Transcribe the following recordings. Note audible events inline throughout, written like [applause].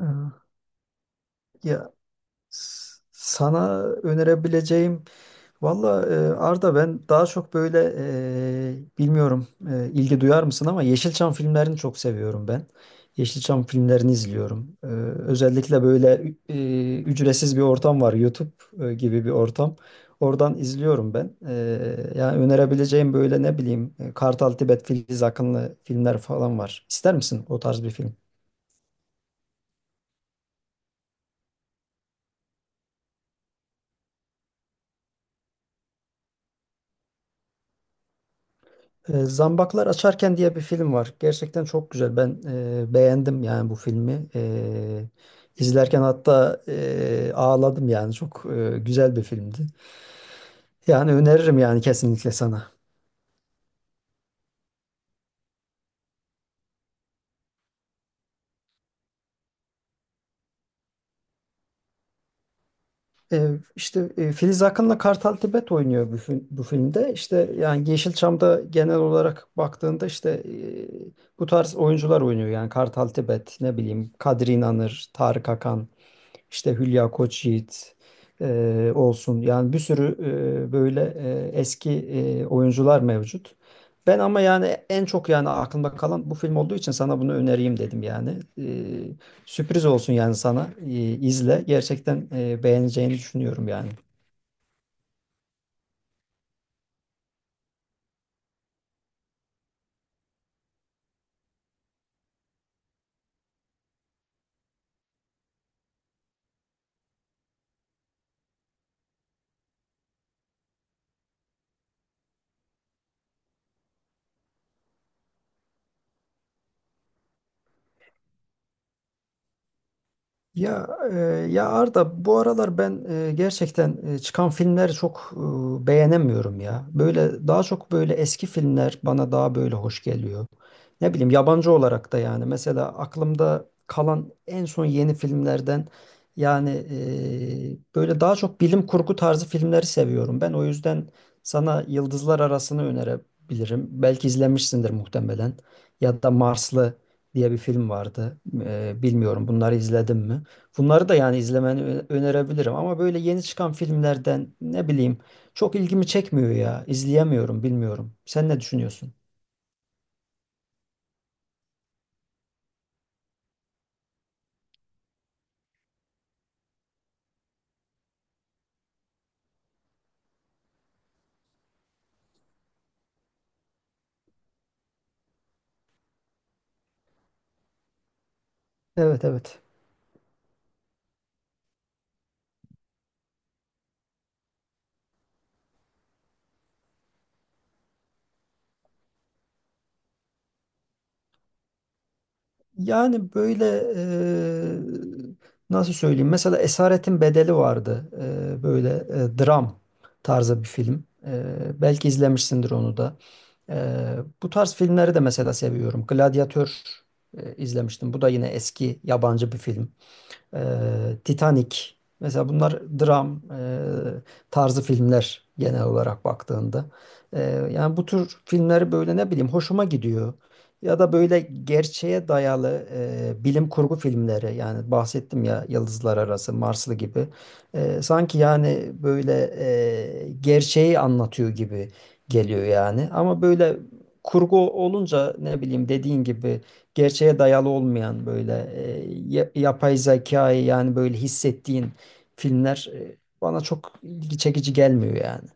Ee, Ya, sana önerebileceğim, valla, Arda, ben daha çok böyle, bilmiyorum, ilgi duyar mısın ama Yeşilçam filmlerini çok seviyorum ben. Yeşilçam filmlerini izliyorum. Özellikle böyle, ücretsiz bir ortam var, YouTube gibi bir ortam. Oradan izliyorum ben. Yani önerebileceğim böyle, ne bileyim, Kartal Tibet, Filiz Akınlı filmler falan var. İster misin o tarz bir film? Zambaklar Açarken diye bir film var. Gerçekten çok güzel. Ben beğendim yani bu filmi. İzlerken hatta, ağladım yani. Çok güzel bir filmdi. Yani öneririm yani, kesinlikle sana. E, işte Filiz Akın'la Kartal Tibet oynuyor bu filmde. İşte yani Yeşilçam'da genel olarak baktığında işte, bu tarz oyuncular oynuyor. Yani Kartal Tibet, ne bileyim, Kadri İnanır, Tarık Akan. İşte Hülya Koçyiğit olsun. Yani bir sürü, böyle, eski, oyuncular mevcut. Ben ama yani en çok yani aklımda kalan bu film olduğu için sana bunu önereyim dedim yani. E, Sürpriz olsun yani sana. İzle. Gerçekten beğeneceğini düşünüyorum yani. Ya, ya Arda, bu aralar ben gerçekten çıkan filmleri çok beğenemiyorum ya. Böyle daha çok böyle eski filmler bana daha böyle hoş geliyor. Ne bileyim, yabancı olarak da yani mesela aklımda kalan en son yeni filmlerden yani, böyle daha çok bilim kurgu tarzı filmleri seviyorum. Ben o yüzden sana Yıldızlar Arası'nı önerebilirim. Belki izlemişsindir muhtemelen. Ya da Marslı diye bir film vardı. Bilmiyorum, bunları izledin mi? Bunları da yani izlemeni önerebilirim ama böyle yeni çıkan filmlerden ne bileyim çok ilgimi çekmiyor ya. İzleyemiyorum, bilmiyorum. Sen ne düşünüyorsun? Evet, evet. Yani böyle, eee, nasıl söyleyeyim? Mesela Esaretin Bedeli vardı. Böyle, dram tarzı bir film. Belki izlemişsindir onu da. Bu tarz filmleri de mesela seviyorum. Gladyatör izlemiştim. Bu da yine eski yabancı bir film. e, Titanic. Mesela bunlar dram, tarzı filmler genel olarak baktığında. E, Yani bu tür filmleri böyle ne bileyim hoşuma gidiyor. Ya da böyle gerçeğe dayalı, bilim kurgu filmleri yani, bahsettim ya, Yıldızlar Arası, Marslı gibi. Sanki yani böyle, gerçeği anlatıyor gibi geliyor yani. Ama böyle kurgu olunca, ne bileyim, dediğin gibi, gerçeğe dayalı olmayan böyle, yapay zekayı yani böyle hissettiğin filmler, bana çok ilgi çekici gelmiyor yani.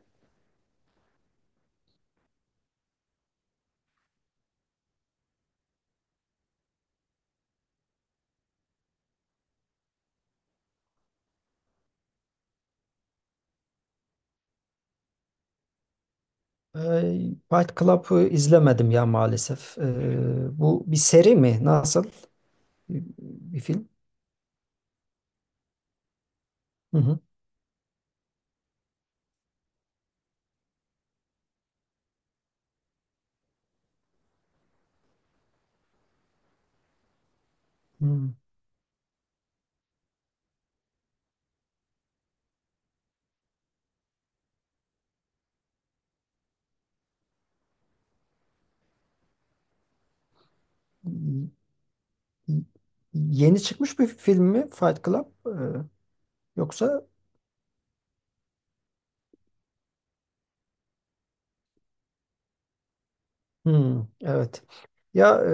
Ee, Fight Club'ı izlemedim ya maalesef. Bu bir seri mi? Nasıl? Bir film? Hı hı. Hı. Yeni çıkmış bir film mi Fight Club? Yoksa. Hmm, evet. Ya,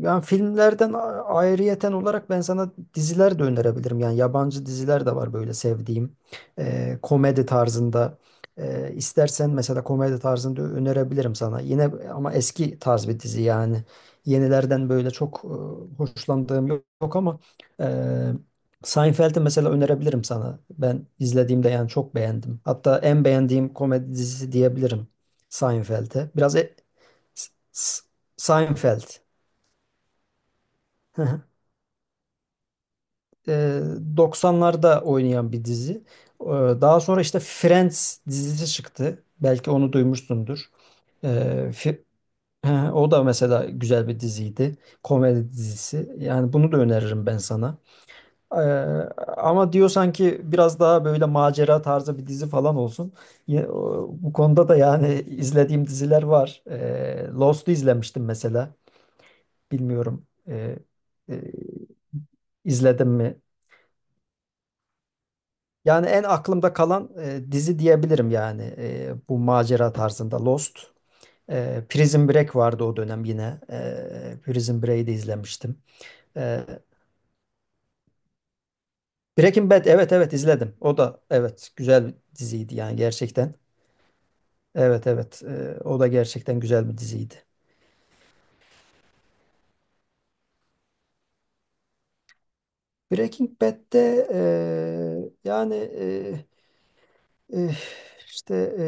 yani filmlerden ayrıyeten olarak ben sana diziler de önerebilirim. Yani yabancı diziler de var böyle sevdiğim. Komedi tarzında. İstersen mesela komedi tarzında önerebilirim sana. Yine ama eski tarz bir dizi yani. Yenilerden böyle çok hoşlandığım yok, yok ama, e, Seinfeld'i mesela önerebilirim sana. Ben izlediğimde yani çok beğendim. Hatta en beğendiğim komedi dizisi diyebilirim Seinfeld'e. Biraz, S- S- Seinfeld. [laughs] Ee, 90'larda oynayan bir dizi. Ee, Daha sonra işte Friends dizisi çıktı. Belki onu duymuşsundur. Ee, Fi- [laughs] O da mesela güzel bir diziydi. Komedi dizisi. Yani bunu da öneririm ben sana. Ee, Ama diyorsan ki biraz daha böyle macera tarzı bir dizi falan olsun. Bu konuda da yani izlediğim diziler var. Lost'u izlemiştim mesela. Bilmiyorum. E, İzledim mi? Yani en aklımda kalan, dizi diyebilirim yani, bu macera tarzında Lost. Prison Break vardı o dönem yine. Prison Break'i de izlemiştim. E, Breaking Bad, evet evet izledim. O da evet, güzel bir diziydi yani gerçekten. Evet, evet, o da gerçekten güzel bir diziydi. Breaking Bad'de, yani, e, işte,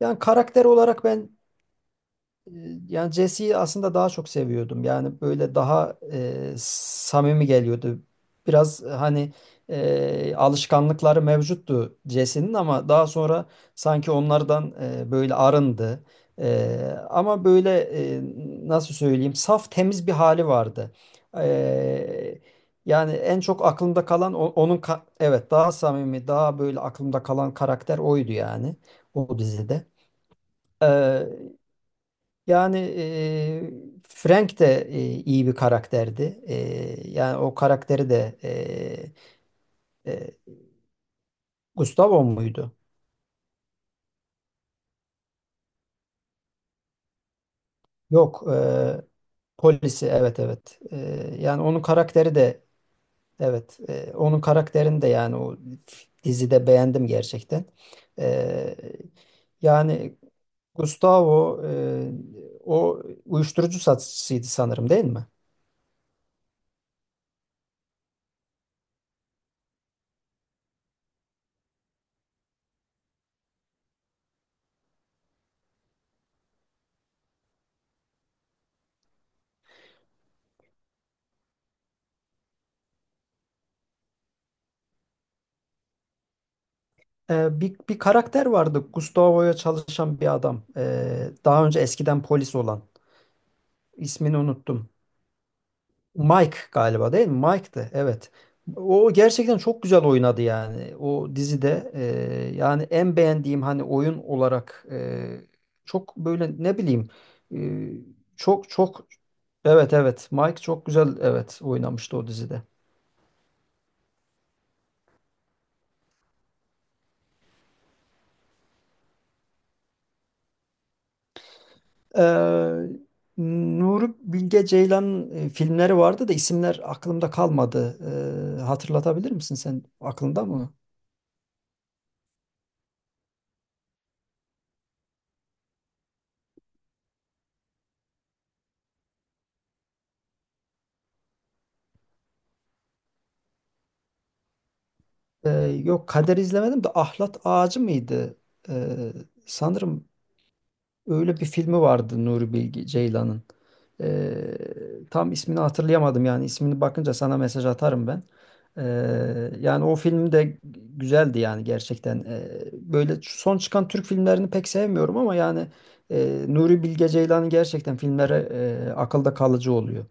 yani karakter olarak ben. E, Yani Jesse'yi aslında daha çok seviyordum. Yani böyle daha samimi geliyordu. Biraz, hani, alışkanlıkları mevcuttu Jesse'nin ama daha sonra sanki onlardan, böyle arındı. E, Ama böyle, e, nasıl söyleyeyim, saf temiz bir hali vardı. E, Yani en çok aklımda kalan, onun evet, daha samimi, daha böyle aklımda kalan karakter oydu yani o dizide. E, Yani, Frank de, iyi bir karakterdi. Yani o karakteri de, eee, Gustavo muydu? Yok, polisi, evet evet. Yani onun karakteri de evet. Onun karakterini de yani o dizide beğendim gerçekten. Eee, Yani Gustavo, o uyuşturucu satıcısıydı sanırım değil mi? Bir karakter vardı. Gustavo'ya çalışan bir adam. Daha önce eskiden polis olan. İsmini unuttum. Mike galiba değil mi? Mike'tı. Evet. O gerçekten çok güzel oynadı yani. O dizide, yani en beğendiğim hani oyun olarak, çok böyle ne bileyim, ee, çok çok, evet evet Mike çok güzel evet oynamıştı o dizide. Ee, Nuri Bilge Ceylan filmleri vardı da isimler aklımda kalmadı. Hatırlatabilir misin sen? Aklında mı? Ee, Yok, Kader izlemedim de Ahlat Ağacı mıydı? Ee, Sanırım öyle bir filmi vardı Nuri Bilge Ceylan'ın. Tam ismini hatırlayamadım yani, ismini bakınca sana mesaj atarım ben. Ee, Yani o film de güzeldi yani gerçekten. Böyle son çıkan Türk filmlerini pek sevmiyorum ama yani, Nuri Bilge Ceylan'ın gerçekten filmleri, akılda kalıcı oluyor.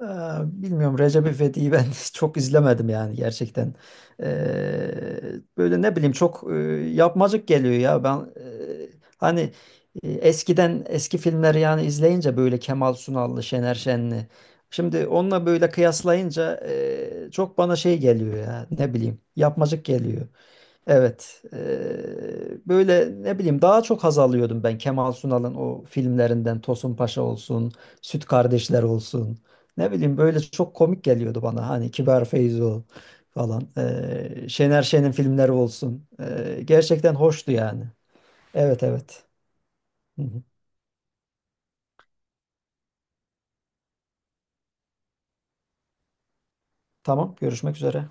Ee, Bilmiyorum, Recep İvedik'i ben [laughs] çok izlemedim yani gerçekten. Ee, Böyle ne bileyim çok yapmacık geliyor ya. Ben, hani, eskiden eski filmleri yani izleyince böyle Kemal Sunal'lı, Şener Şen'li. Şimdi onunla böyle kıyaslayınca, çok bana şey geliyor ya, ne bileyim, yapmacık geliyor. Evet. Böyle ne bileyim daha çok haz alıyordum ben Kemal Sunal'ın o filmlerinden, Tosun Paşa olsun, Süt Kardeşler olsun. Ne bileyim böyle çok komik geliyordu bana, hani Kibar Feyzo falan. Şener Şen'in filmleri olsun. Gerçekten hoştu yani. Evet, evet. Hı hı. Tamam, görüşmek üzere.